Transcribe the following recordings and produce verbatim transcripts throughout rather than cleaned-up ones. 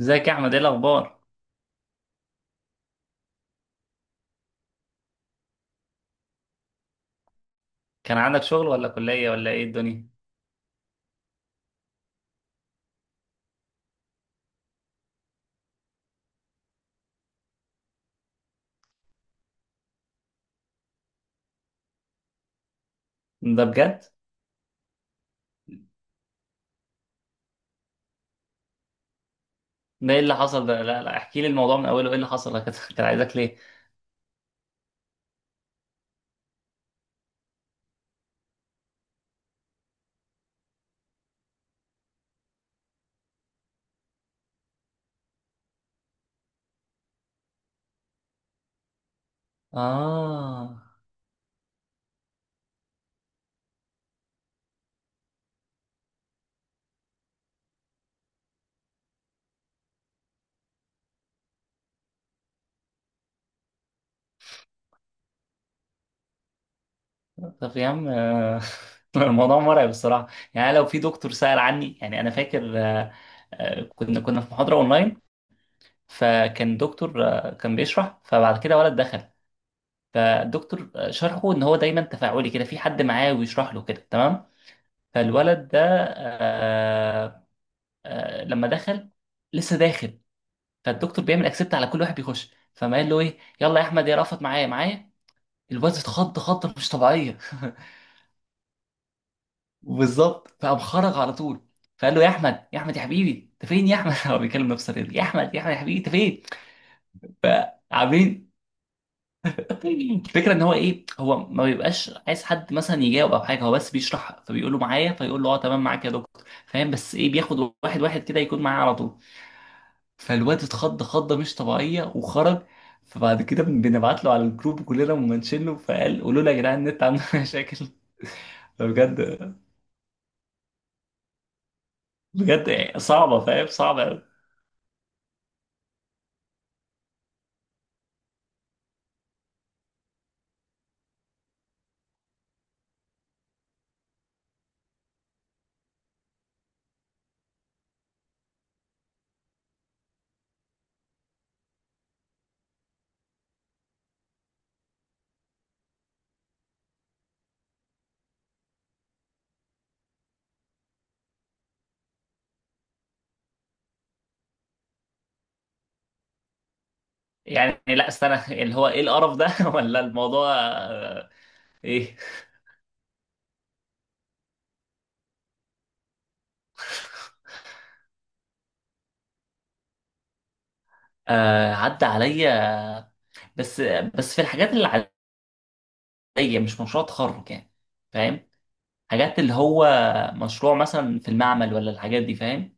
ازيك يا احمد، ايه الاخبار؟ كان عندك شغل ولا كليه ولا ايه الدنيا؟ ده بجد؟ ده ايه اللي حصل ده؟ لا لا، احكي لي الموضوع من اوله. ايه اللي حصل؟ انا كنت كنت عايزك ليه؟ اه. طب يا عم. آه، الموضوع مرعب الصراحه. يعني لو في دكتور سأل عني، يعني انا فاكر، آه، آه، كنا كنا في محاضره اونلاين، فكان دكتور آه، كان بيشرح. فبعد كده ولد دخل، فالدكتور آه، شرحه ان هو دايما تفاعلي كده، في حد معاه ويشرح له كده، تمام؟ فالولد ده، آه، آه، لما دخل، لسه داخل، فالدكتور بيعمل اكسبت على كل واحد بيخش، فما قال له ايه، يلا يا احمد يا رفض معايا معايا الواد اتخض خضه مش طبيعيه. بالظبط، فقام خرج على طول. فقال له يا احمد، يا احمد يا حبيبي، انت فين يا احمد؟ هو بيكلم نفسه كده، يا احمد يا احمد يا حبيبي انت فين. فعاملين، الفكره ان هو ايه، هو ما بيبقاش عايز حد مثلا يجاوب او حاجه، هو بس بيشرح، فبيقول له معايا، فيقول له اه تمام معاك يا دكتور فاهم، بس ايه، بياخد واحد واحد كده يكون معاه على طول. فالواد اتخض خضه مش طبيعيه وخرج. فبعد كده بن- بنبعت له على الجروب، كلنا منشن له، فقال قولوا له يا جدعان النت عنده مشاكل. فبجد، بجد صعبه، فاهم؟ صعبه قوي. يعني لا استنى، اللي هو ايه القرف ده؟ ولا الموضوع آه، ايه. آه، عدى عليا، بس بس في الحاجات اللي عليا، مش مشروع تخرج، يعني فاهم؟ حاجات اللي هو مشروع مثلا في المعمل ولا الحاجات دي، فاهم؟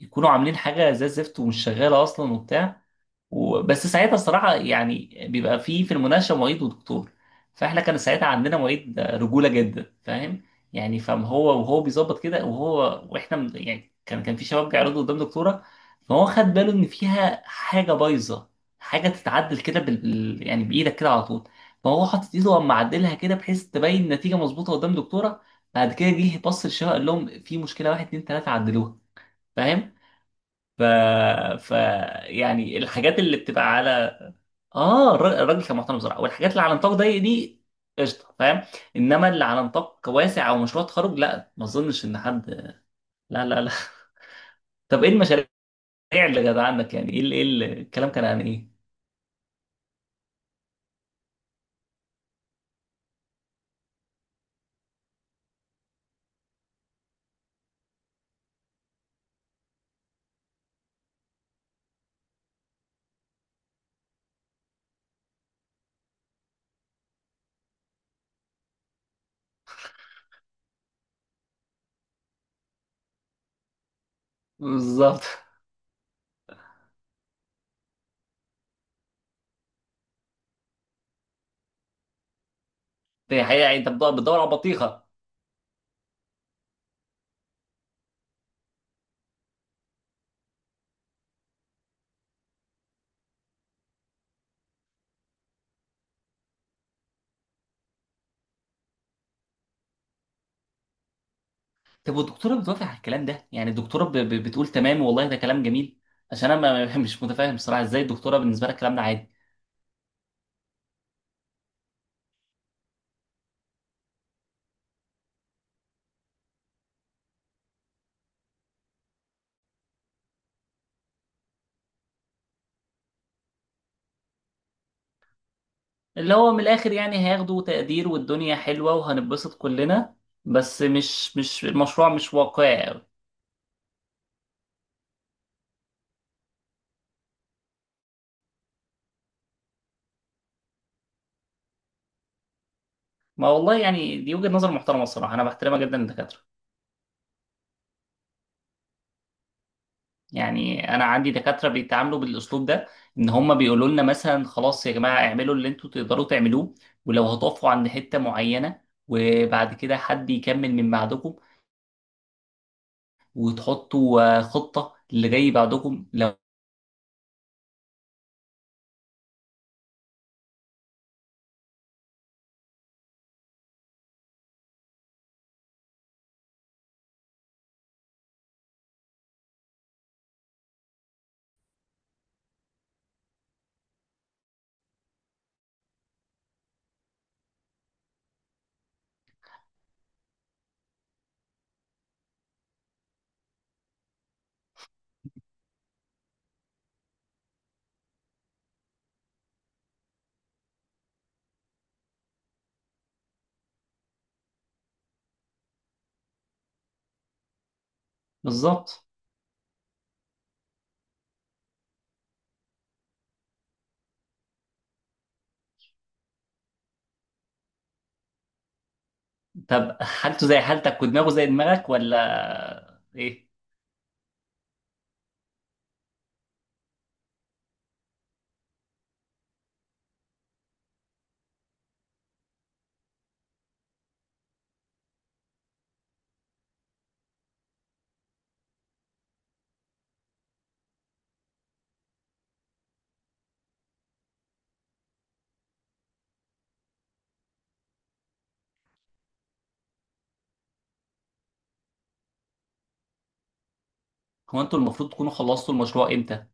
يكونوا عاملين حاجه زي الزفت ومش شغاله اصلا وبتاع. وبس ساعتها الصراحة يعني بيبقى في في المناقشة معيد ودكتور. فاحنا كان ساعتها عندنا معيد رجولة جدا، فاهم يعني؟ فاهم هو وهو بيظبط كده، وهو واحنا من- يعني كان كان في شباب بيعرضوا قدام دكتورة، فهو خد باله ان فيها حاجة بايظة، حاجة تتعدل كده بال بال- يعني بإيدك كده على طول. فهو حاطط ايده وقام معدلها كده بحيث تبين النتيجة مظبوطة قدام دكتورة. بعد كده جه بص للشباب، قال لهم في مشكلة واحد اتنين تلاتة، عدلوها. فاهم؟ ف... ف يعني الحاجات اللي بتبقى على، اه، الر- الراجل كان محترم بصراحه، والحاجات اللي على نطاق ضيق دي قشطه، فاهم؟ انما اللي على نطاق واسع او مشروع تخرج، لا، ما اظنش ان حد. لا لا لا طب ايه المشاريع اللي كانت عندك؟ يعني ايه ال- ايه ال- الكلام كان عن ايه؟ بالظبط. دي حقيقه؟ يعني انت بتدور بتدور على بطيخه؟ طب والدكتوره بتوافق على الكلام ده؟ يعني الدكتوره ب- ب- بتقول تمام والله ده كلام جميل؟ عشان انا ما- مش متفاهم بصراحه ازاي الدكتوره بالنسبه لها الكلام ده عادي. اللي هو من الاخر يعني هياخدوا تقدير والدنيا حلوة وهنتبسط كلنا، بس مش، مش المشروع مش واقعي قوي. ما والله يعني دي وجهة نظر محترمة الصراحة، انا بحترمها جدا الدكاترة. يعني انا عندي دكاترة بيتعاملوا بالاسلوب ده، ان هم بيقولوا لنا مثلا خلاص يا جماعة اعملوا اللي انتوا تقدروا تعملوه، ولو هتقفوا عند حتة معينة، وبعد كده حد يكمل من بعدكم، وتحطوا آه، خطة اللي جاي بعدكم لو. بالظبط. طب حالته زي حالتك ودماغه زي دماغك ولا ايه؟ هو انتوا المفروض تكونوا خلصتوا المشروع امتى؟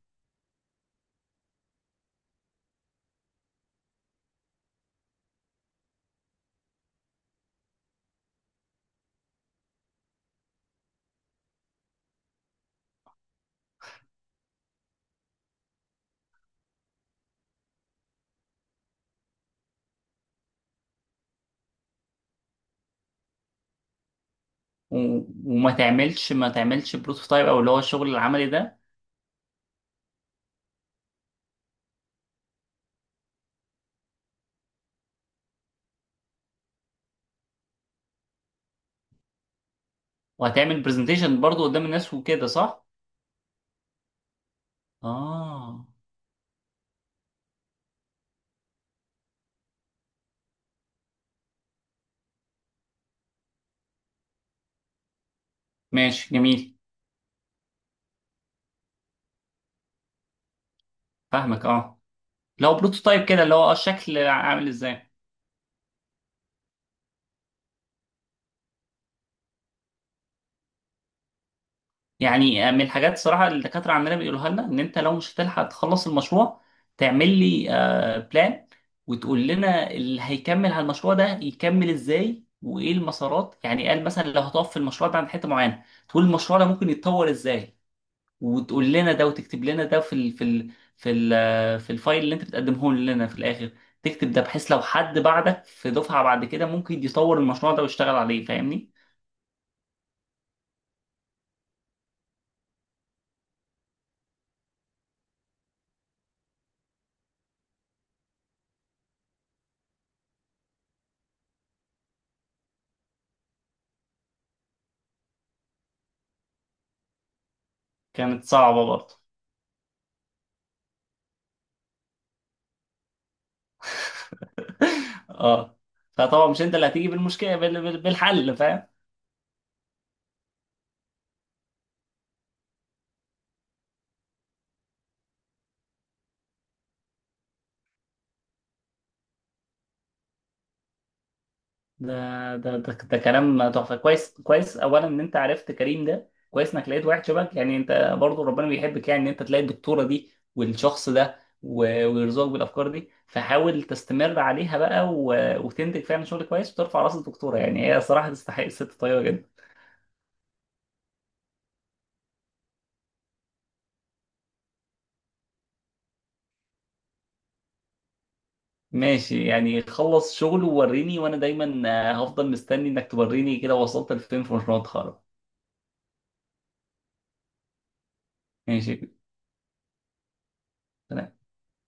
و... وما تعملش ما تعملش بروتوتايب، او اللي هو الشغل العملي ده؟ وهتعمل برزنتيشن برضو قدام الناس وكده، صح؟ اه، ماشي، جميل. فاهمك، اه. لو بروتوتايب كده، اللي هو اه الشكل عامل ازاي. يعني آه، من الحاجات صراحة اللي الدكاترة عندنا بيقولوها لنا، إن أنت لو مش هتلحق تخلص المشروع، تعمل لي بلان، وتقول لنا اللي هيكمل على المشروع ده يكمل إزاي وإيه المسارات. يعني قال مثلا لو هتقف في المشروع ده عند حتة معينة، تقول المشروع ده ممكن يتطور إزاي، وتقول لنا ده وتكتب لنا ده في ال في ال في ال آه، في الفايل اللي أنت بتقدمه لنا في الآخر، تكتب ده بحيث لو حد بعدك في دفعة بعد كده ممكن يطور المشروع ده ويشتغل عليه. فاهمني؟ كانت صعبة برضه؟ اه، فطبعا مش انت اللي هتيجي بالمشكله بال- بال- بالحل، فاهم؟ ده ده ده, ده كلام تحفه. كويس كويس اولا ان انت عرفت كريم ده، كويس انك لقيت واحد شبهك. يعني انت برضو ربنا بيحبك، يعني ان انت تلاقي الدكتوره دي والشخص ده و- ويرزقك بالافكار دي. فحاول تستمر عليها بقى و- وتنتج فعلا شغل كويس وترفع راس الدكتوره، يعني هي صراحه تستحق، الست طيبه جدا. ماشي، يعني خلص شغل ووريني. وانا دايما آه، هفضل مستني انك توريني كده وصلت لفين في مشروع التخرج. ماشي.